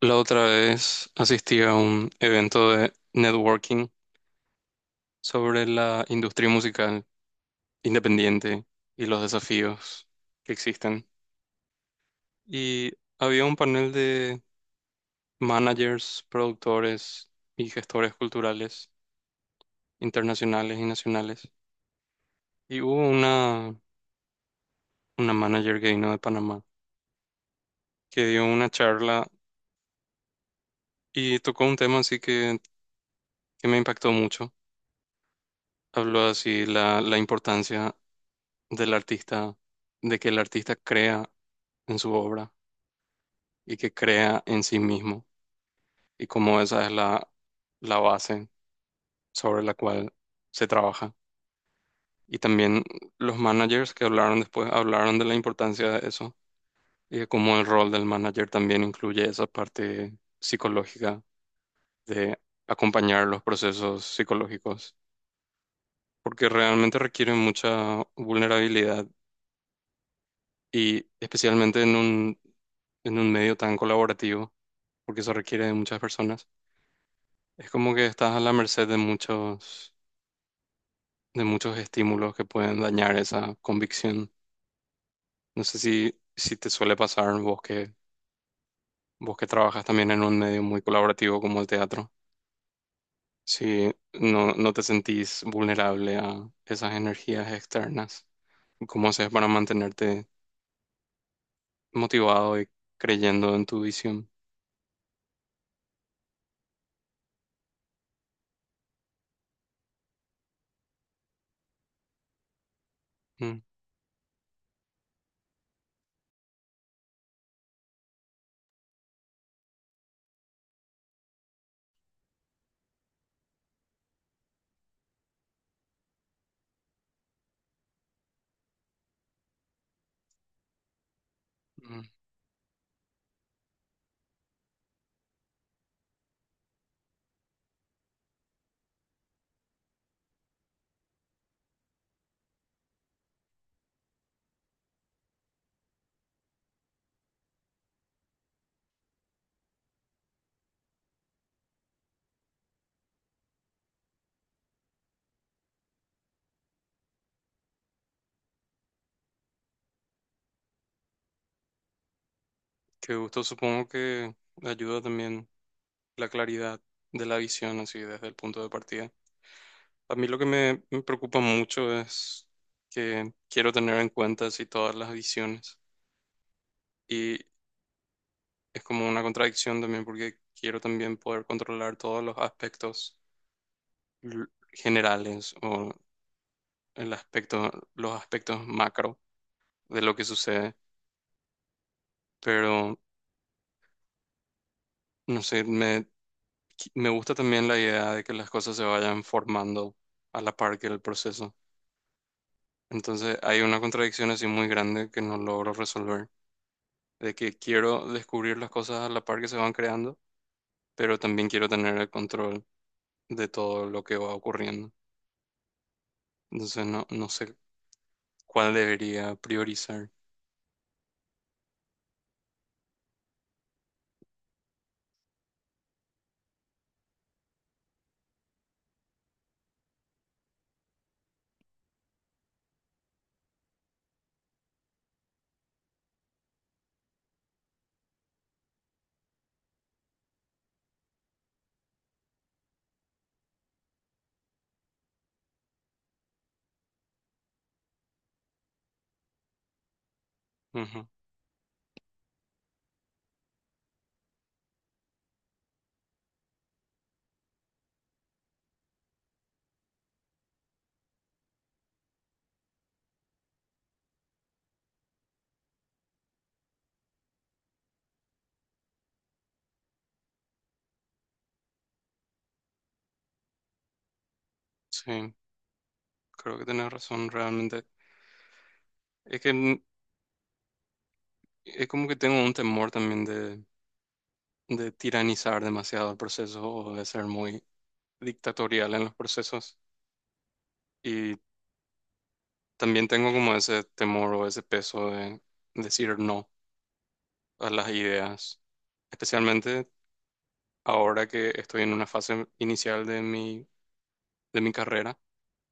La otra vez asistí a un evento de networking sobre la industria musical independiente y los desafíos que existen. Y había un panel de managers, productores y gestores culturales internacionales y nacionales. Y hubo una manager que vino de Panamá, que dio una charla y tocó un tema así que me impactó mucho. Habló así la importancia del artista, de que el artista crea en su obra y que crea en sí mismo, y como esa es la base sobre la cual se trabaja. Y también los managers que hablaron después hablaron de la importancia de eso y de cómo el rol del manager también incluye esa parte psicológica, de acompañar los procesos psicológicos, porque realmente requieren mucha vulnerabilidad, y especialmente en un medio tan colaborativo, porque eso requiere de muchas personas. Es como que estás a la merced de muchos estímulos que pueden dañar esa convicción. No sé si te suele pasar, vos que trabajas también en un medio muy colaborativo como el teatro, si no, no te sentís vulnerable a esas energías externas. ¿Cómo haces para mantenerte motivado y creyendo en tu visión? Mm, mm. Qué gusto. Supongo que ayuda también la claridad de la visión así desde el punto de partida. A mí lo que me preocupa mucho es que quiero tener en cuenta así todas las visiones, y es como una contradicción también, porque quiero también poder controlar todos los aspectos l- generales, o los aspectos macro de lo que sucede. Pero no sé, me gusta también la idea de que las cosas se vayan formando a la par que el proceso. Entonces hay una contradicción así muy grande que no logro resolver, de que quiero descubrir las cosas a la par que se van creando, pero también quiero tener el control de todo lo que va ocurriendo. Entonces no sé cuál debería priorizar. Ujú. Sí, creo que tenés razón realmente. Es que es como que tengo un temor también de tiranizar demasiado el proceso, o de ser muy dictatorial en los procesos. Y también tengo como ese temor o ese peso de decir no a las ideas, especialmente ahora que estoy en una fase inicial de mi carrera,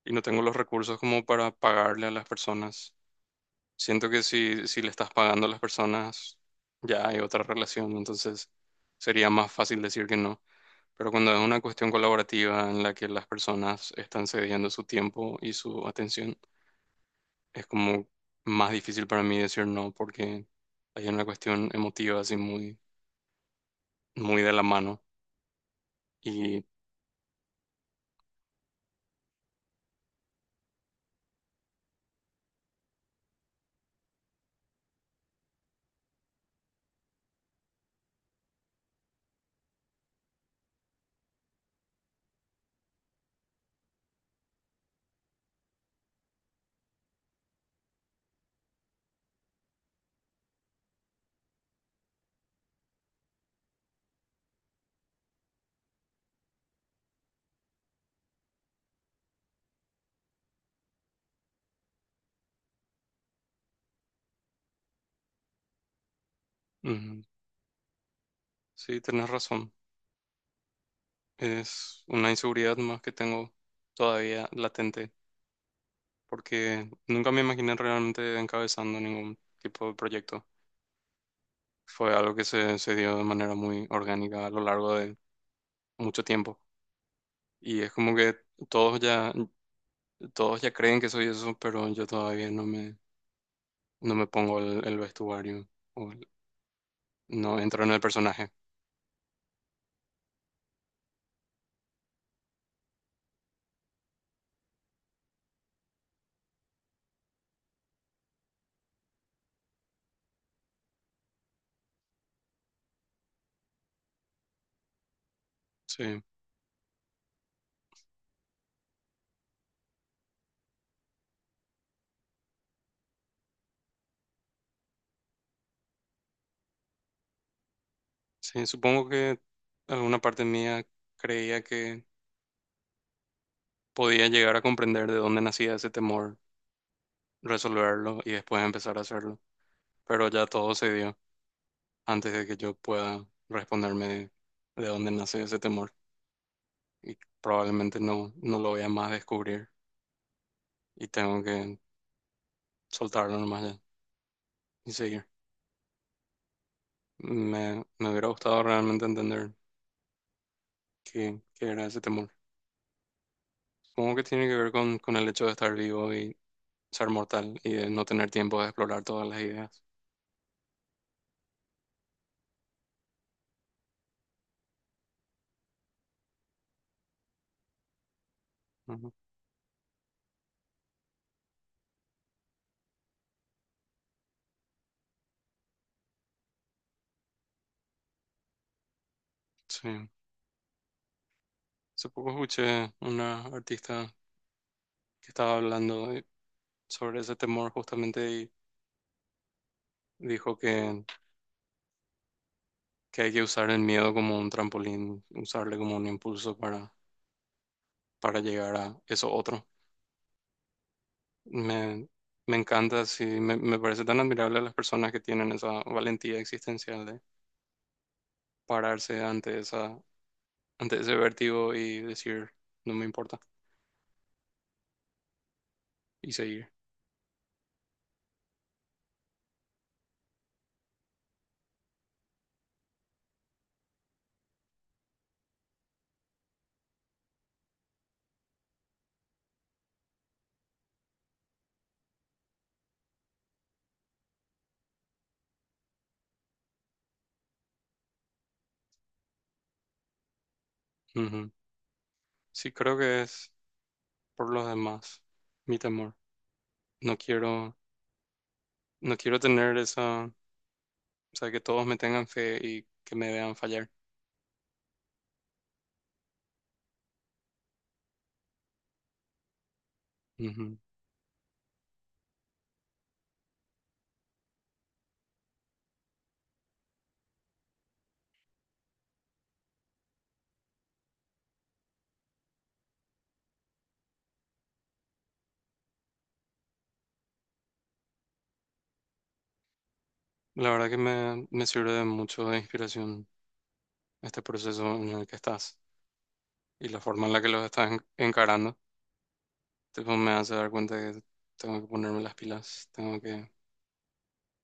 y no tengo los recursos como para pagarle a las personas. Siento que si le estás pagando a las personas, ya hay otra relación, entonces sería más fácil decir que no. Pero cuando es una cuestión colaborativa en la que las personas están cediendo su tiempo y su atención, es como más difícil para mí decir no, porque hay una cuestión emotiva así muy, muy de la mano. Y ujú, sí, tenés razón. Es una inseguridad más que tengo todavía latente, porque nunca me imaginé realmente encabezando ningún tipo de proyecto. Fue algo que se dio de manera muy orgánica a lo largo de mucho tiempo. Y es como que todos ya, todos ya creen que soy eso, pero yo todavía no me pongo el vestuario, o no entro en el personaje. Sí, sí, supongo que alguna parte mía creía que podía llegar a comprender de dónde nacía ese temor, resolverlo y después empezar a hacerlo. Pero ya todo se dio antes de que yo pueda responderme de dónde nace ese temor. Y probablemente no, no lo voy a más descubrir, y tengo que soltarlo nomás ya y seguir. Me hubiera gustado realmente entender qué era ese temor. Supongo que tiene que ver con el hecho de estar vivo y ser mortal, y de no tener tiempo de explorar todas las ideas. Ujú. Sí. Hace poco escuché una artista que estaba hablando sobre ese temor justamente. Dijo que hay que usar el miedo como un trampolín, usarle como un impulso para, llegar a eso otro. Me, me encanta. Sí, me parece tan admirable a las personas que tienen esa valentía existencial de pararse ante ante ese vértigo y decir: "No me importa", y seguir. Ujú. Sí, creo que es por los demás, mi temor. No quiero, no quiero tener esa, o sea, que todos me tengan fe y que me vean fallar. Ujú. La verdad que me sirve de mucho de inspiración este proceso en el que estás y la forma en la que los estás encarando. Tipo, me hace dar cuenta que tengo que ponerme las pilas, tengo que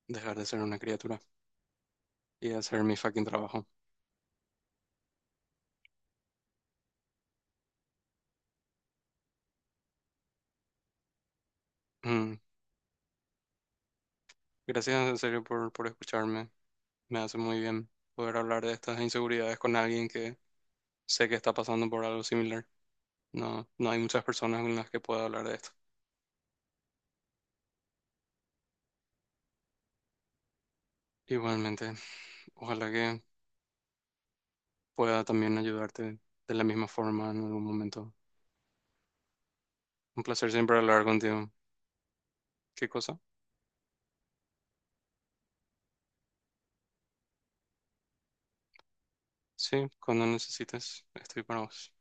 dejar de ser una criatura y hacer mi fucking trabajo. Mm. Gracias en serio por escucharme. Me hace muy bien poder hablar de estas inseguridades con alguien que sé que está pasando por algo similar. No, no hay muchas personas con las que pueda hablar de esto. Igualmente, ojalá que pueda también ayudarte de la misma forma en algún momento. Un placer siempre hablar contigo. ¿Qué cosa? Sí, cuando necesites, estoy para vos.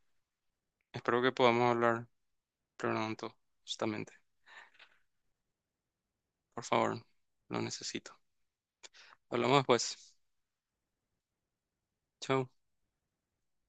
Espero que podamos hablar pronto, justamente. Por favor, lo necesito. Hablamos después. Chao.